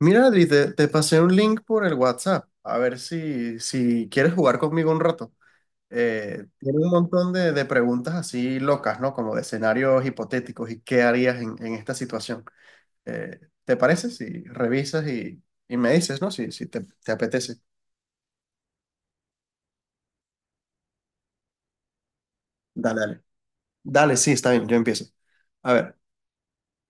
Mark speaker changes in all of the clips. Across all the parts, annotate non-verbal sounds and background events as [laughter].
Speaker 1: Mira, Adri, te pasé un link por el WhatsApp. A ver si quieres jugar conmigo un rato. Tiene un montón de preguntas así locas, ¿no? Como de escenarios hipotéticos y qué harías en esta situación. ¿Te parece? Si revisas y me dices, ¿no? Si te apetece. Dale, dale. Dale, sí, está bien, yo empiezo. A ver,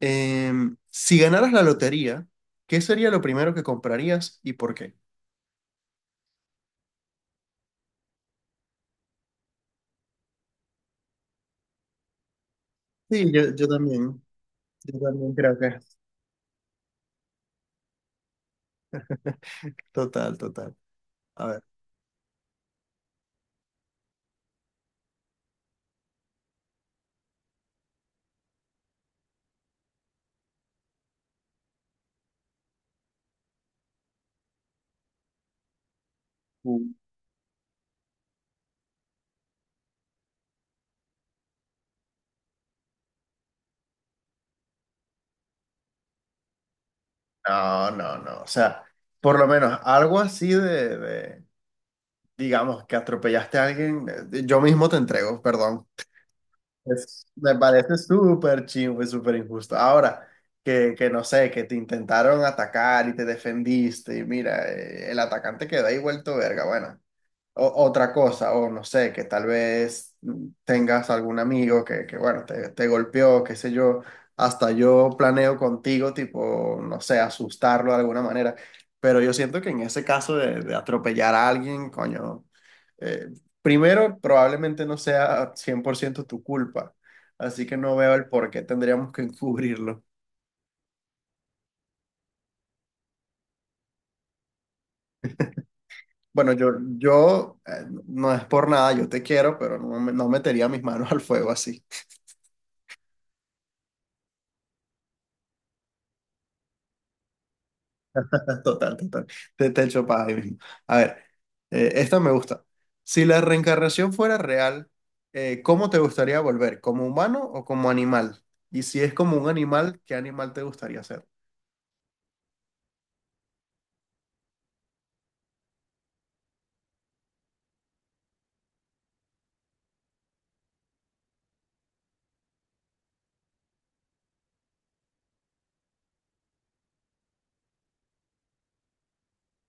Speaker 1: si ganaras la lotería, ¿qué sería lo primero que comprarías y por qué? Sí, yo también. Yo también creo que. Total, total. A ver. Mm. No, no, no. O sea, por lo menos algo así digamos, que atropellaste a alguien, yo mismo te entrego, perdón. Me parece súper chingo y súper injusto. Ahora, que no sé, que te intentaron atacar y te defendiste y mira, el atacante queda ahí vuelto verga, bueno. Otra cosa, o no sé, que tal vez tengas algún amigo que bueno, te golpeó, qué sé yo, hasta yo planeo contigo, tipo, no sé, asustarlo de alguna manera, pero yo siento que en ese caso de atropellar a alguien, coño, eh, primero, probablemente no sea 100% tu culpa, así que no veo el por qué tendríamos que encubrirlo. Bueno, yo no es por nada, yo te quiero, pero no metería mis manos al fuego así. Total, total. Te echo paja ahí mismo. A ver, esta me gusta. Si la reencarnación fuera real, ¿cómo te gustaría volver? ¿Como humano o como animal? Y si es como un animal, ¿qué animal te gustaría ser?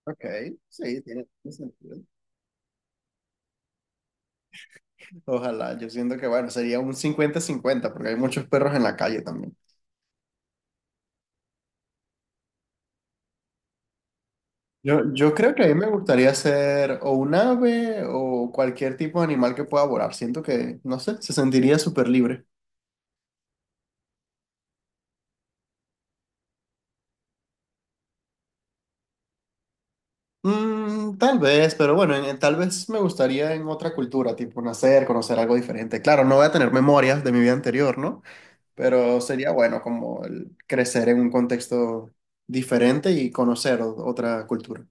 Speaker 1: Ok, sí, tiene sentido. Ojalá, yo siento que, bueno, sería un 50-50 porque hay muchos perros en la calle también. Yo creo que a mí me gustaría ser o un ave o cualquier tipo de animal que pueda volar. Siento que, no sé, se sentiría súper libre. Mm, tal vez, pero bueno, tal vez me gustaría en otra cultura, tipo nacer, conocer algo diferente. Claro, no voy a tener memorias de mi vida anterior, ¿no? Pero sería bueno como el crecer en un contexto diferente y conocer otra cultura.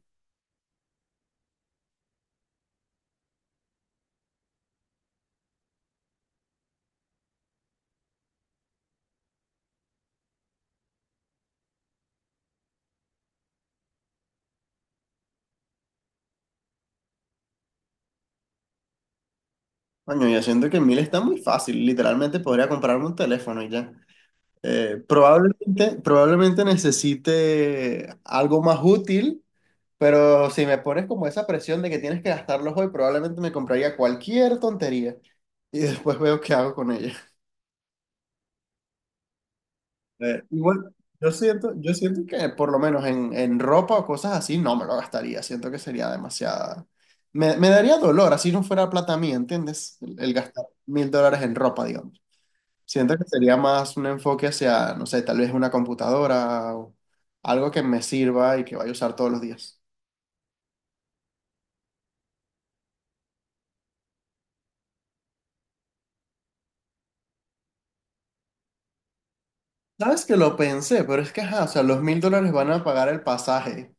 Speaker 1: Coño, yo siento que en mil está muy fácil, literalmente podría comprarme un teléfono y ya. Probablemente necesite algo más útil. Pero si me pones como esa presión de que tienes que gastarlos hoy, probablemente me compraría cualquier tontería y después veo qué hago con ella. Igual, yo siento que por lo menos en ropa o cosas así no me lo gastaría. Siento que sería demasiada. Me daría dolor, así no fuera plata mía, ¿entiendes? El gastar $1000 en ropa, digamos. Siento que sería más un enfoque hacia, no sé, tal vez una computadora o algo que me sirva y que vaya a usar todos los días. Sabes que lo pensé, pero es que, ajá, o sea, los $1000 van a pagar el pasaje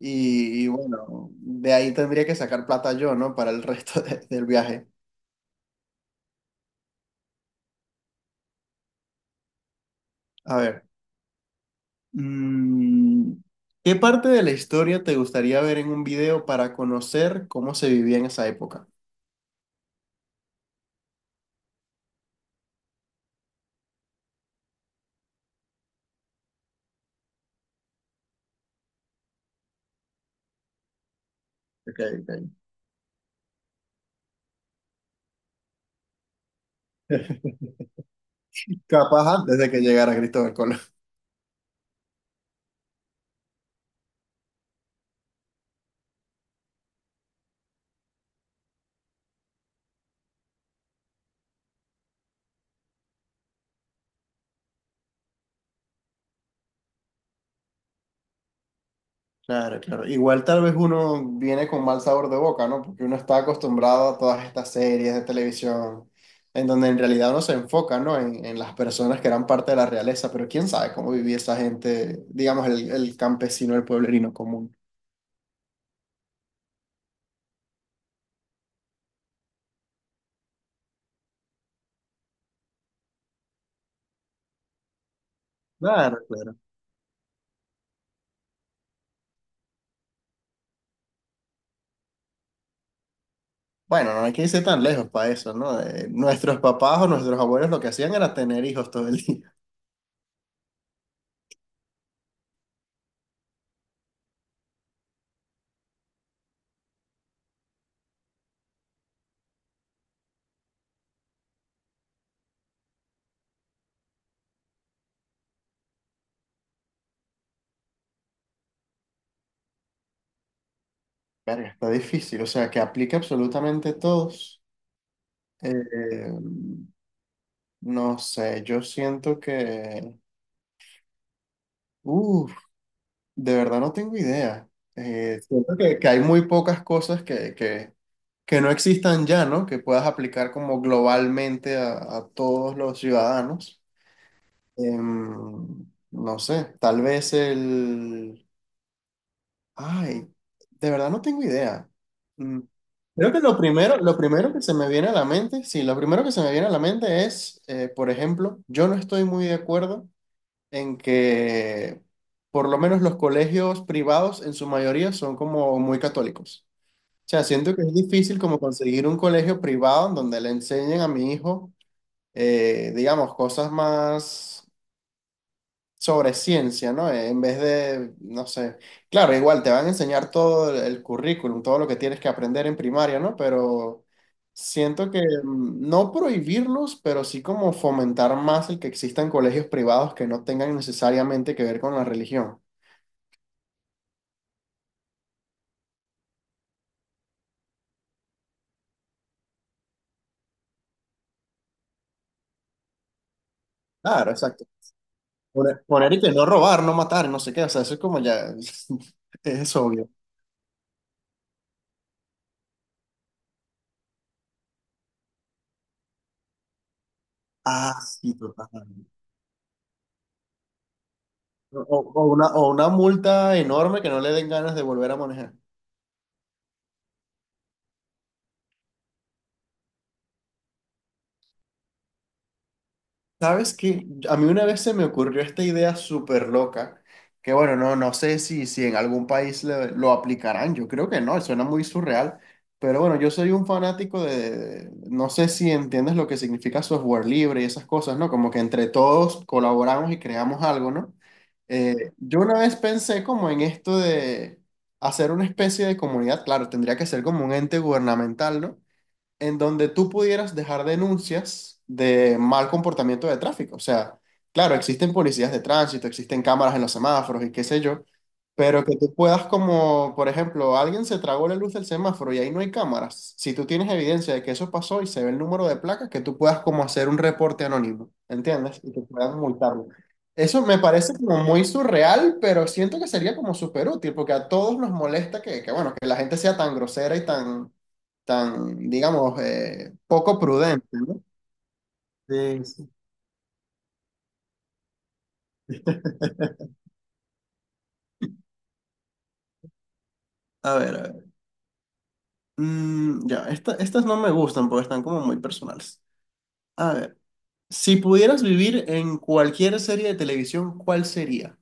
Speaker 1: y bueno, de ahí tendría que sacar plata yo, ¿no? Para el [laughs] resto del viaje. A ver, mm, ¿qué parte de la historia te gustaría ver en un video para conocer cómo se vivía en esa época? Ok, ok. [laughs] Capaz antes de que llegara Cristóbal Colón. Claro, claro. Igual tal vez uno viene con mal sabor de boca, ¿no? Porque uno está acostumbrado a todas estas series de televisión, en donde en realidad uno se enfoca, ¿no? En las personas que eran parte de la realeza, pero quién sabe cómo vivía esa gente, digamos, el campesino, el pueblerino común. Claro, claro. Bueno, no hay que irse tan lejos para eso, ¿no? Nuestros papás o nuestros abuelos lo que hacían era tener hijos todo el día. [laughs] Verga, está difícil, o sea, que aplique absolutamente a todos. Eh, no sé, yo siento que... uff, de verdad no tengo idea. Siento que, hay muy pocas cosas que no existan ya, ¿no? Que puedas aplicar como globalmente a todos los ciudadanos. Em, no sé, tal vez el... Ay, de verdad no tengo idea. Mm, creo que lo primero que se me viene a la mente, sí, lo primero que se me viene a la mente es, por ejemplo, yo no estoy muy de acuerdo en que por lo menos los colegios privados en su mayoría son como muy católicos. O sea, siento que es difícil como conseguir un colegio privado en donde le enseñen a mi hijo, digamos, cosas más sobre ciencia, ¿no? En vez de, no sé, claro, igual te van a enseñar todo el currículum, todo lo que tienes que aprender en primaria, ¿no? Pero siento que no prohibirlos, pero sí como fomentar más el que existan colegios privados que no tengan necesariamente que ver con la religión. Claro, exacto. Poner y que no robar, no matar, no sé qué, o sea, eso es como ya, [laughs] es obvio. Ah, sí, total. O una multa enorme que no le den ganas de volver a manejar. ¿Sabes qué? A mí una vez se me ocurrió esta idea súper loca, que bueno, no, no sé si en algún país lo aplicarán, yo creo que no, suena muy surreal, pero bueno, yo soy un fanático de, no sé si entiendes lo que significa software libre y esas cosas, ¿no? Como que entre todos colaboramos y creamos algo, ¿no? Yo una vez pensé como en esto de hacer una especie de comunidad, claro, tendría que ser como un ente gubernamental, ¿no? En donde tú pudieras dejar denuncias de mal comportamiento de tráfico. O sea, claro, existen policías de tránsito, existen cámaras en los semáforos y qué sé yo, pero que tú puedas como, por ejemplo, alguien se tragó la luz del semáforo y ahí no hay cámaras. Si tú tienes evidencia de que eso pasó y se ve el número de placas, que tú puedas como hacer un reporte anónimo, ¿entiendes? Y que puedan multarlo. Eso me parece como muy surreal, pero siento que sería como súper útil, porque a todos nos molesta bueno, que la gente sea tan grosera y tan, tan, digamos, poco prudente, ¿no? Sí, sí. A ver, a ver. Mm, ya, estas no me gustan porque están como muy personales. A ver, si pudieras vivir en cualquier serie de televisión, ¿cuál sería?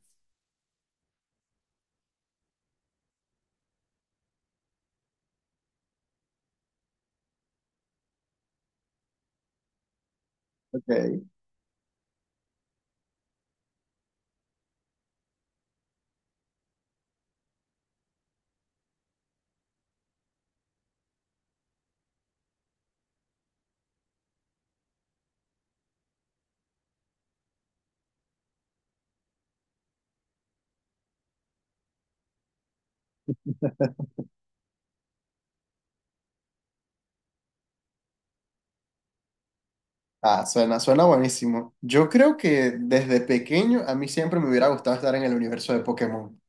Speaker 1: Ok. Ah, suena, suena buenísimo. Yo creo que desde pequeño a mí siempre me hubiera gustado estar en el universo de Pokémon.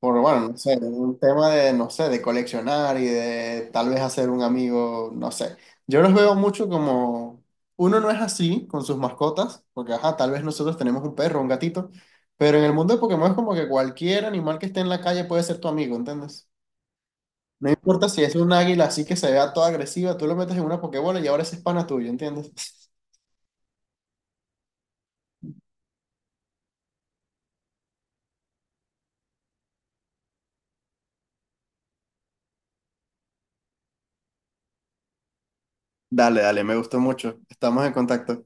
Speaker 1: Por, bueno, no sé, un tema de, no sé, de coleccionar y de tal vez hacer un amigo, no sé. Yo los veo mucho como, uno no es así con sus mascotas, porque ajá, tal vez nosotros tenemos un perro, un gatito, pero en el mundo de Pokémon es como que cualquier animal que esté en la calle puede ser tu amigo, ¿entiendes? No importa si es un águila así que se vea toda agresiva, tú lo metes en una Pokébola y ahora ese es pana tuyo, ¿entiendes? [laughs] Dale, dale, me gustó mucho. Estamos en contacto.